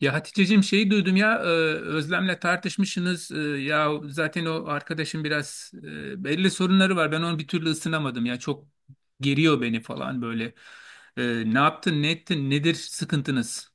Ya Haticeciğim şeyi duydum ya Özlem'le tartışmışsınız. Ya zaten o arkadaşım biraz belli sorunları var. Ben onu bir türlü ısınamadım ya. Çok geriyor beni falan böyle. Ne yaptın, ne ettin, nedir sıkıntınız?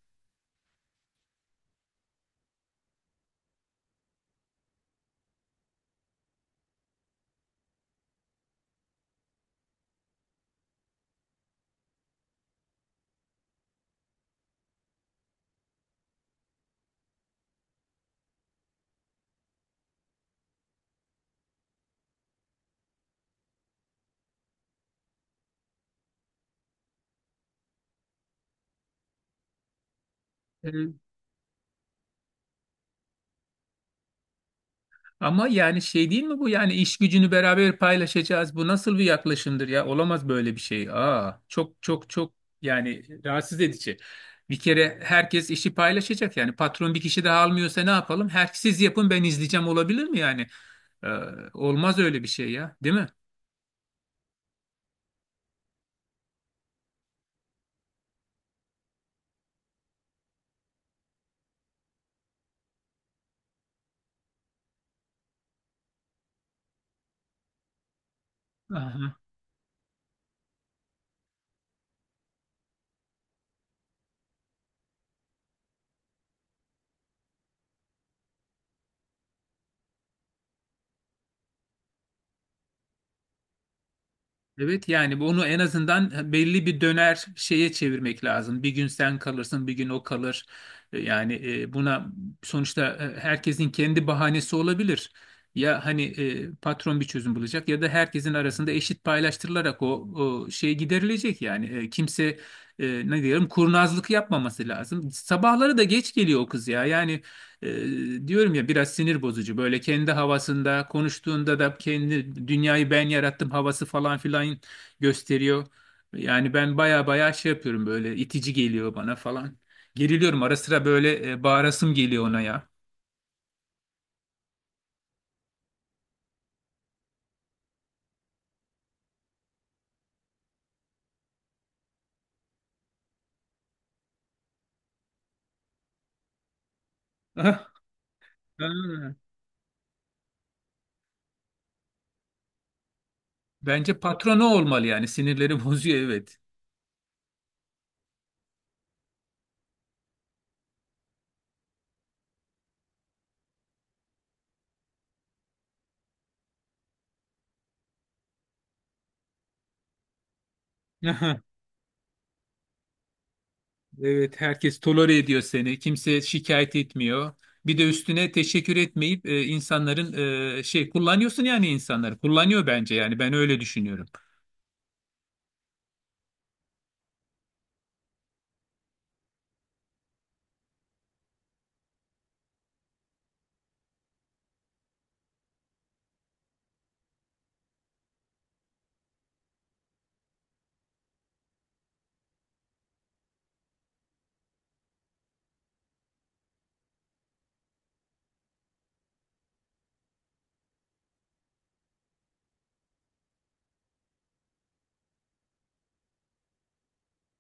Ama yani şey değil mi bu? Yani iş gücünü beraber paylaşacağız. Bu nasıl bir yaklaşımdır ya? Olamaz böyle bir şey. Aa, çok çok çok yani rahatsız edici. Bir kere herkes işi paylaşacak. Yani patron bir kişi daha almıyorsa ne yapalım? Her siz yapın ben izleyeceğim olabilir mi yani? Ee, olmaz öyle bir şey ya, değil mi? Aha. Evet yani bunu en azından belli bir döner şeye çevirmek lazım. Bir gün sen kalırsın, bir gün o kalır. Yani buna sonuçta herkesin kendi bahanesi olabilir. Ya hani patron bir çözüm bulacak ya da herkesin arasında eşit paylaştırılarak o, o şey giderilecek yani. Kimse ne diyelim kurnazlık yapmaması lazım. Sabahları da geç geliyor o kız ya. Yani diyorum ya biraz sinir bozucu böyle kendi havasında konuştuğunda da kendi dünyayı ben yarattım havası falan filan gösteriyor. Yani ben baya baya şey yapıyorum böyle itici geliyor bana falan. Geriliyorum ara sıra böyle bağırasım geliyor ona ya. Ah, ah. Bence patronu olmalı yani sinirleri bozuyor evet. Aha, evet, herkes tolere ediyor seni. Kimse şikayet etmiyor. Bir de üstüne teşekkür etmeyip insanların şey kullanıyorsun yani insanları. Kullanıyor bence yani ben öyle düşünüyorum.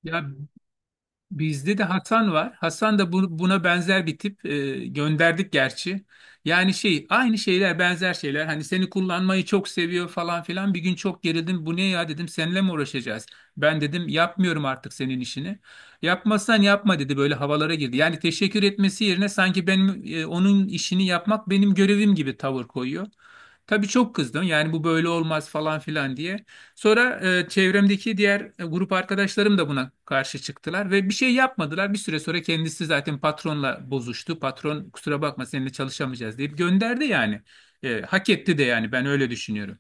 Ya bizde de Hasan var. Hasan da buna benzer bir tip. Gönderdik gerçi. Yani şey aynı şeyler benzer şeyler. Hani seni kullanmayı çok seviyor falan filan. Bir gün çok gerildim. Bu ne ya dedim. Seninle mi uğraşacağız? Ben dedim yapmıyorum artık senin işini. Yapmazsan yapma dedi. Böyle havalara girdi. Yani teşekkür etmesi yerine sanki benim onun işini yapmak benim görevim gibi tavır koyuyor. Tabii çok kızdım. Yani bu böyle olmaz falan filan diye. Sonra çevremdeki diğer grup arkadaşlarım da buna karşı çıktılar ve bir şey yapmadılar. Bir süre sonra kendisi zaten patronla bozuştu. Patron kusura bakma seninle çalışamayacağız deyip gönderdi yani. Hak etti de yani ben öyle düşünüyorum.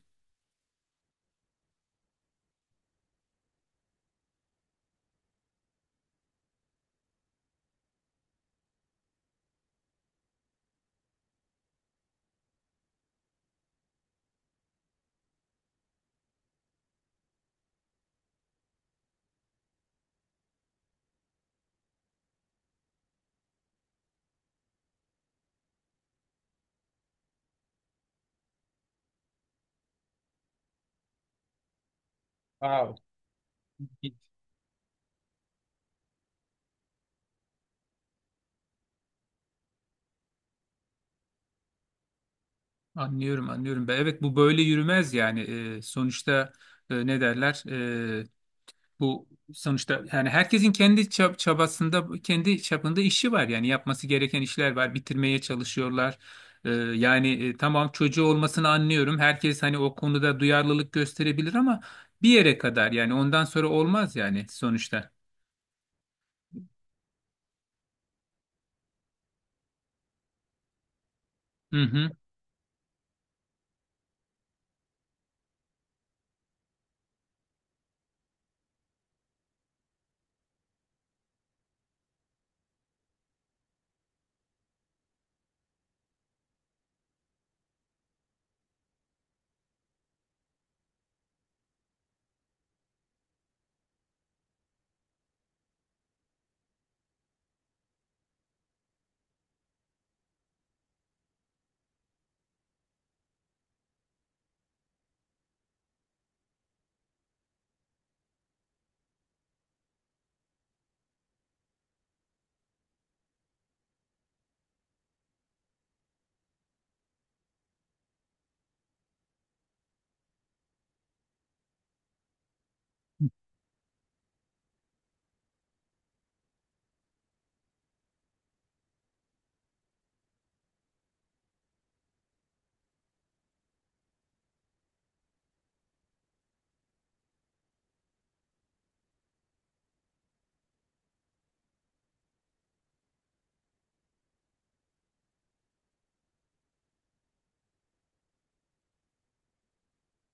Wow. Anlıyorum, anlıyorum. Ben, evet bu böyle yürümez yani. Sonuçta ne derler? Bu sonuçta yani herkesin kendi çabasında, kendi çapında işi var. Yani yapması gereken işler var. Bitirmeye çalışıyorlar. Yani tamam çocuğu olmasını anlıyorum. Herkes hani o konuda duyarlılık gösterebilir ama bir yere kadar yani ondan sonra olmaz yani sonuçta. Hı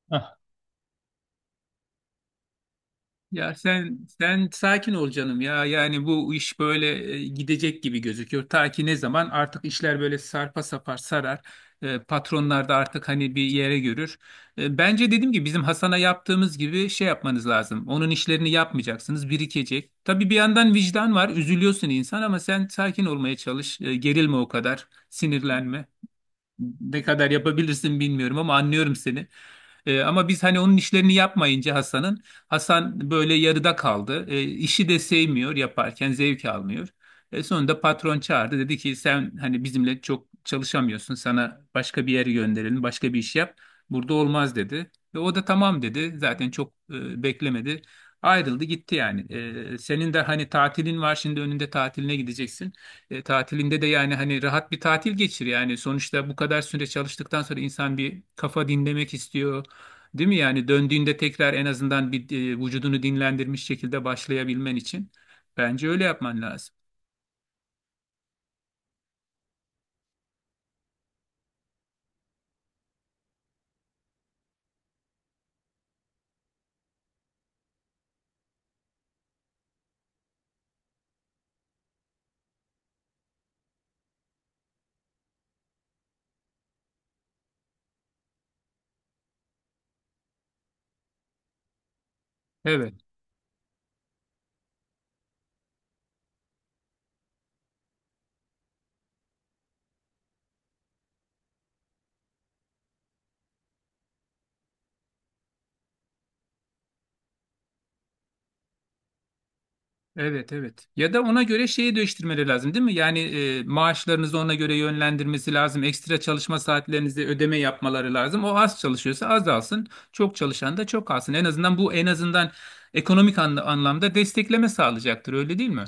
hı. Ya sen sen sakin ol canım ya. Yani bu iş böyle gidecek gibi gözüküyor. Ta ki ne zaman artık işler böyle sarpa sapar sarar. Patronlar da artık hani bir yere görür. Bence dedim ki bizim Hasan'a yaptığımız gibi şey yapmanız lazım. Onun işlerini yapmayacaksınız, birikecek. Tabii bir yandan vicdan var, üzülüyorsun insan ama sen sakin olmaya çalış. Gerilme o kadar, sinirlenme. Ne kadar yapabilirsin bilmiyorum ama anlıyorum seni. Ama biz hani onun işlerini yapmayınca Hasan böyle yarıda kaldı. İşi de sevmiyor yaparken zevk almıyor. Sonunda patron çağırdı dedi ki sen hani bizimle çok çalışamıyorsun sana başka bir yere gönderelim başka bir iş yap. Burada olmaz dedi. Ve o da tamam dedi zaten çok beklemedi. Ayrıldı gitti yani. Senin de hani tatilin var şimdi önünde tatiline gideceksin. Tatilinde de yani hani rahat bir tatil geçir yani sonuçta bu kadar süre çalıştıktan sonra insan bir kafa dinlemek istiyor değil mi yani döndüğünde tekrar en azından bir vücudunu dinlendirmiş şekilde başlayabilmen için bence öyle yapman lazım. Evet. Evet, evet. Ya da ona göre şeyi değiştirmeleri lazım değil mi? Yani maaşlarınızı ona göre yönlendirmesi lazım. Ekstra çalışma saatlerinizi ödeme yapmaları lazım. O az çalışıyorsa az alsın. Çok çalışan da çok alsın. En azından bu en azından ekonomik anlamda destekleme sağlayacaktır öyle değil mi?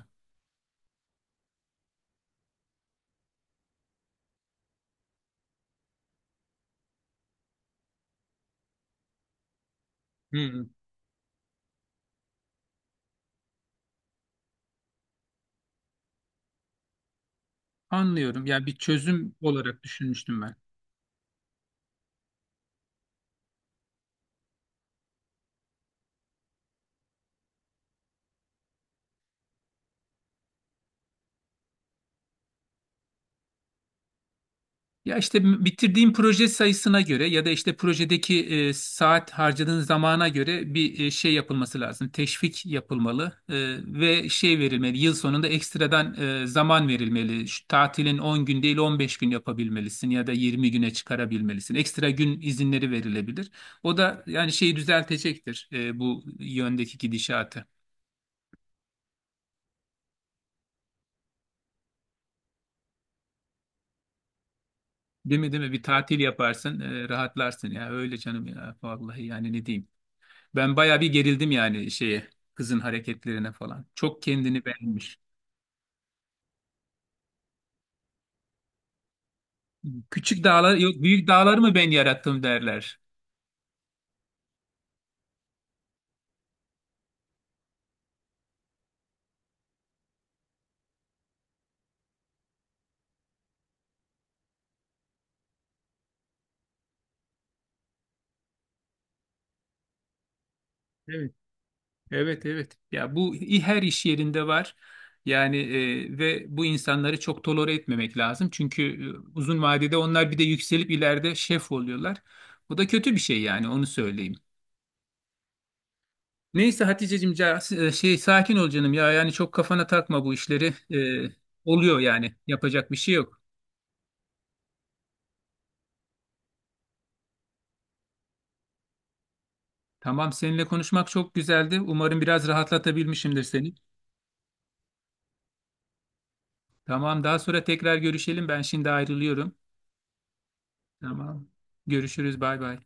Hı, anlıyorum. Yani bir çözüm olarak düşünmüştüm ben. Ya işte bitirdiğin proje sayısına göre ya da işte projedeki saat harcadığın zamana göre bir şey yapılması lazım. Teşvik yapılmalı ve şey verilmeli. Yıl sonunda ekstradan zaman verilmeli. Şu tatilin 10 gün değil 15 gün yapabilmelisin ya da 20 güne çıkarabilmelisin. Ekstra gün izinleri verilebilir. O da yani şeyi düzeltecektir bu yöndeki gidişatı. Değil mi, değil mi? Bir tatil yaparsın, rahatlarsın ya. Öyle canım ya. Vallahi yani ne diyeyim. Ben bayağı bir gerildim yani şeye kızın hareketlerine falan. Çok kendini beğenmiş. Küçük dağlar yok büyük dağları mı ben yarattım derler. Evet, evet, evet. Ya bu her iş yerinde var. Yani ve bu insanları çok tolere etmemek lazım. Çünkü uzun vadede onlar bir de yükselip ileride şef oluyorlar. Bu da kötü bir şey yani onu söyleyeyim. Neyse Haticeciğim şey sakin ol canım ya yani çok kafana takma bu işleri. E, oluyor yani yapacak bir şey yok. Tamam, seninle konuşmak çok güzeldi. Umarım biraz rahatlatabilmişimdir seni. Tamam, daha sonra tekrar görüşelim. Ben şimdi ayrılıyorum. Tamam. Görüşürüz. Bay bay.